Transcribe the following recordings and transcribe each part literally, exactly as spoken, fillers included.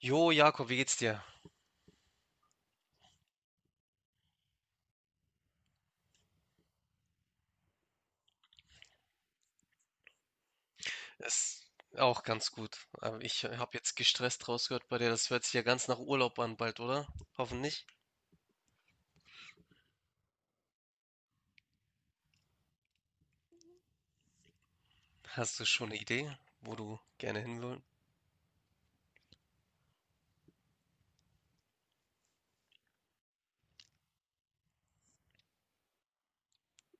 Jo, Jakob, wie geht's dir? Ist auch ganz gut. Aber ich habe jetzt gestresst rausgehört bei dir. Das hört sich ja ganz nach Urlaub an bald, oder? Hoffentlich. Hast du schon eine Idee, wo du gerne hin willst?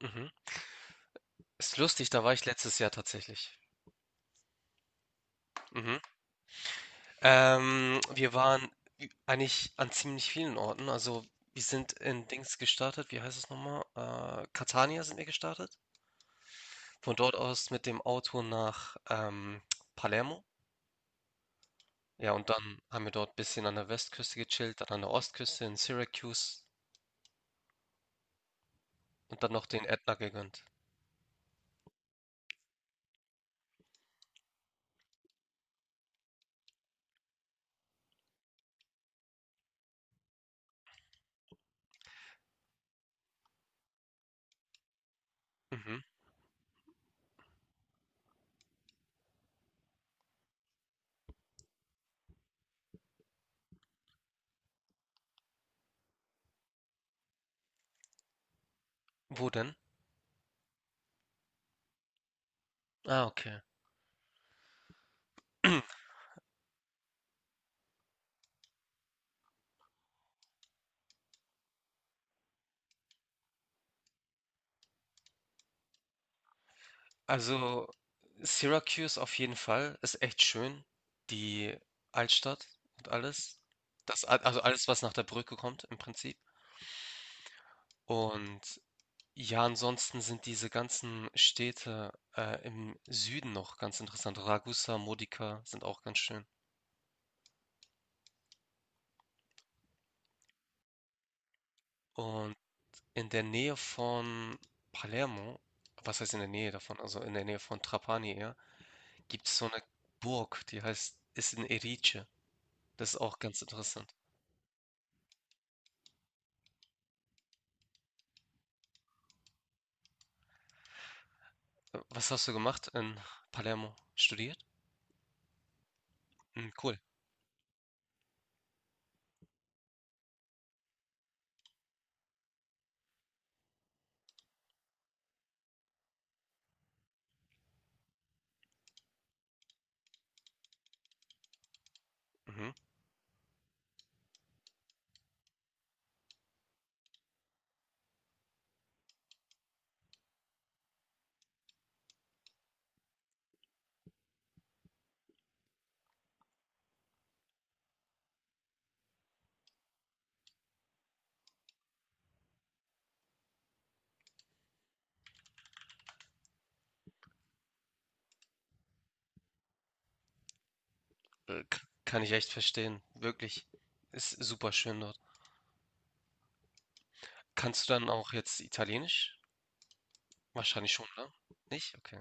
Mhm. Ist lustig, da war ich letztes Jahr tatsächlich. Mhm. Ähm, wir waren eigentlich an ziemlich vielen Orten. Also wir sind in Dings gestartet. Wie heißt es nochmal? Äh, Catania sind wir gestartet. Von dort aus mit dem Auto nach ähm, Palermo. Ja, und dann haben wir dort ein bisschen an der Westküste gechillt, dann an der Ostküste in Syracuse und dann noch den Ätna gegönnt. Mhm. Wo denn? Ah, okay. Also Syracuse auf jeden Fall ist echt schön. Die Altstadt und alles. Das, a- also alles, was nach der Brücke kommt im Prinzip. Und ja, ansonsten sind diese ganzen Städte äh, im Süden noch ganz interessant. Ragusa, Modica sind auch ganz schön. Und in der Nähe von Palermo, was heißt in der Nähe davon, also in der Nähe von Trapani eher, gibt es so eine Burg, die heißt, ist in Erice. Das ist auch ganz interessant. Äh, Was hast du gemacht in Palermo? Studiert? Mhm, cool. Mhm. Äh, k- Kann ich echt verstehen. Wirklich. Ist super schön dort. Kannst du dann auch jetzt Italienisch? Wahrscheinlich schon, ne? Nicht? Okay.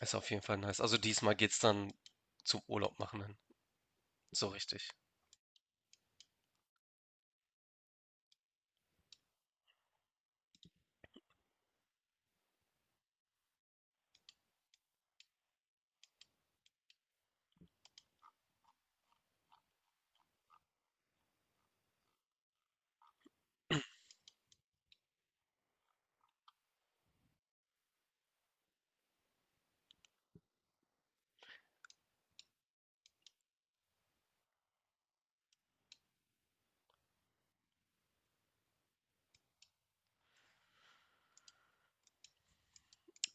Ist auf jeden Fall nice. Also diesmal geht's dann zum Urlaub machen hin. So richtig.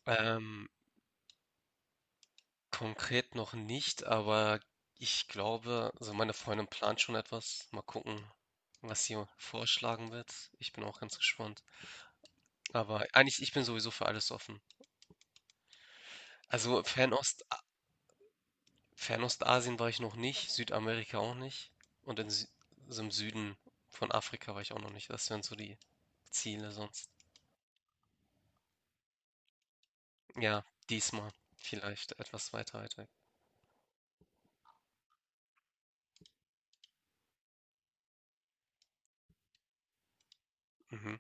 Ähm, Konkret noch nicht, aber ich glaube, also meine Freundin plant schon etwas. Mal gucken, was sie vorschlagen wird. Ich bin auch ganz gespannt. Aber eigentlich, ich bin sowieso für alles offen. Also Fernost, Fernostasien war ich noch nicht, Südamerika auch nicht. Und in Sü so im Süden von Afrika war ich auch noch nicht. Das wären so die Ziele sonst. Ja, diesmal vielleicht etwas weiter weit weg. Mhm.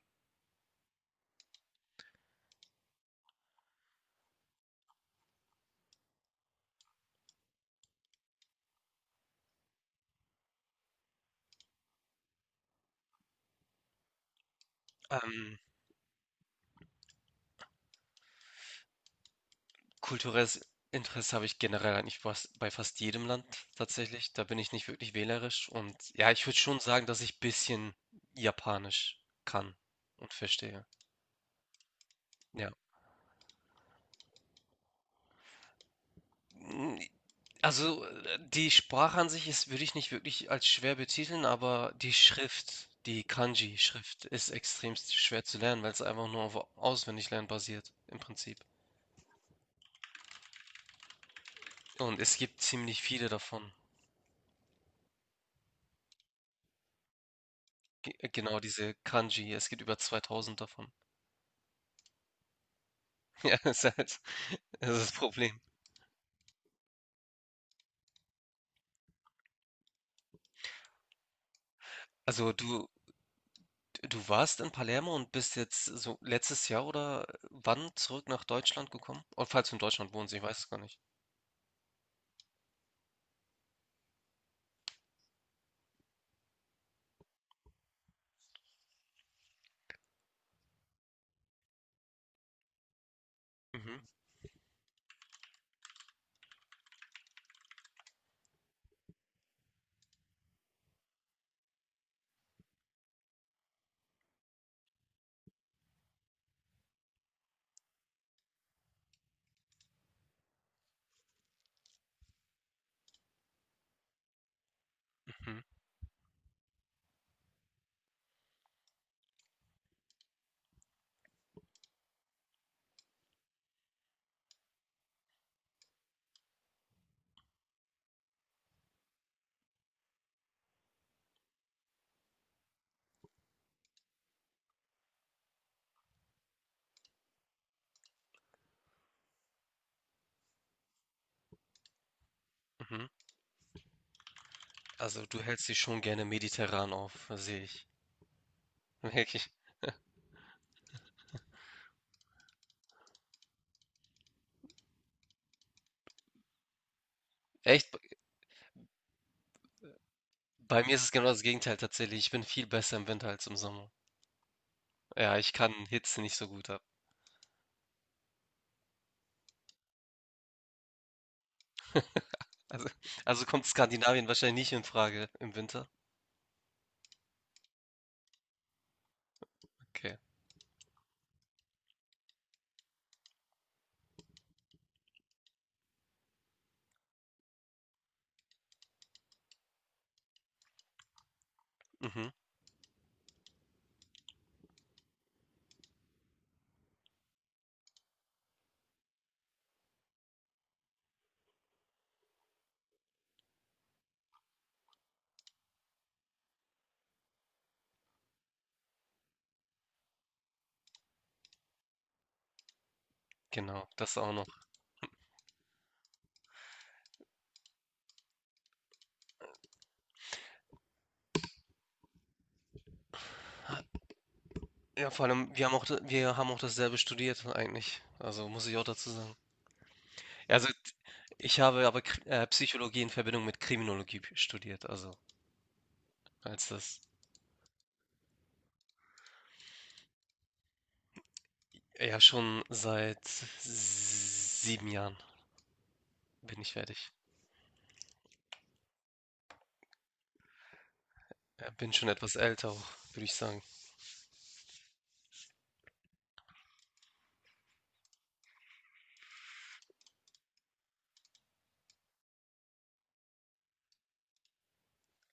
Ähm, kulturelles Interesse habe ich generell eigentlich fast bei fast jedem Land tatsächlich. Da bin ich nicht wirklich wählerisch. Und ja, ich würde schon sagen, dass ich ein bisschen Japanisch kann und verstehe. Ja. Mm, also äh, die Sprache an sich ist, würde ich nicht wirklich als schwer betiteln, aber die Schrift, die Kanji-Schrift ist extrem schwer zu lernen, weil es einfach nur auf Auswendiglernen basiert, im Prinzip. Und es gibt ziemlich viele davon. Ge- Genau diese Kanji, es gibt über zweitausend davon. Ja, es ist halt das ist das Problem. Also du du warst in Palermo und bist jetzt so letztes Jahr oder wann zurück nach Deutschland gekommen? Und falls du in Deutschland wohnst, ich weiß es gar nicht. Mhm, mhm, mhm. Also du hältst dich schon gerne mediterran auf, sehe ich. Merke ich. Echt, bei mir ist es genau das Gegenteil tatsächlich. Ich bin viel besser im Winter als im Sommer. Ja, ich kann Hitze nicht so gut ab. Also, also kommt Skandinavien wahrscheinlich nicht in Frage im Winter. Okay. Mhm, genau, das auch noch. Ja, vor allem, wir haben auch wir haben auch dasselbe studiert eigentlich. Also, muss ich auch dazu sagen. Also, ich habe aber Kr äh, Psychologie in Verbindung mit Kriminologie studiert, also, als das ja, schon seit sieben Jahren bin ich fertig. Äh, bin schon etwas älter auch, würde ich sagen.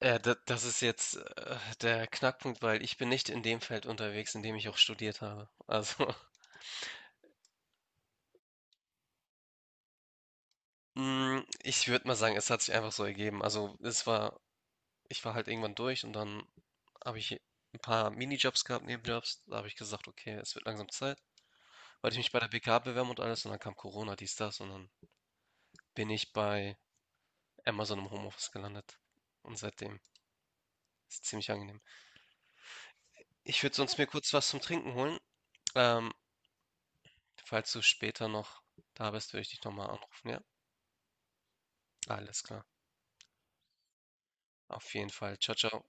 Äh, da das ist jetzt, äh, der Knackpunkt, weil ich bin nicht in dem Feld unterwegs, in dem ich auch studiert habe. Also, hm, ich würde mal sagen, es hat sich einfach so ergeben. Also, es war ich war halt irgendwann durch und dann habe ich ein paar Minijobs gehabt, Nebenjobs. Da habe ich gesagt, okay, es wird langsam Zeit. Wollte ich mich bei der B K bewerben und alles und dann kam Corona, dies, das und dann bin ich bei Amazon im Homeoffice gelandet. Und seitdem ist es ziemlich angenehm. Ich würde sonst mir kurz was zum Trinken holen. Ähm, falls du später noch da bist, würde ich dich nochmal anrufen, ja? Alles klar. Auf jeden Fall. Ciao, ciao.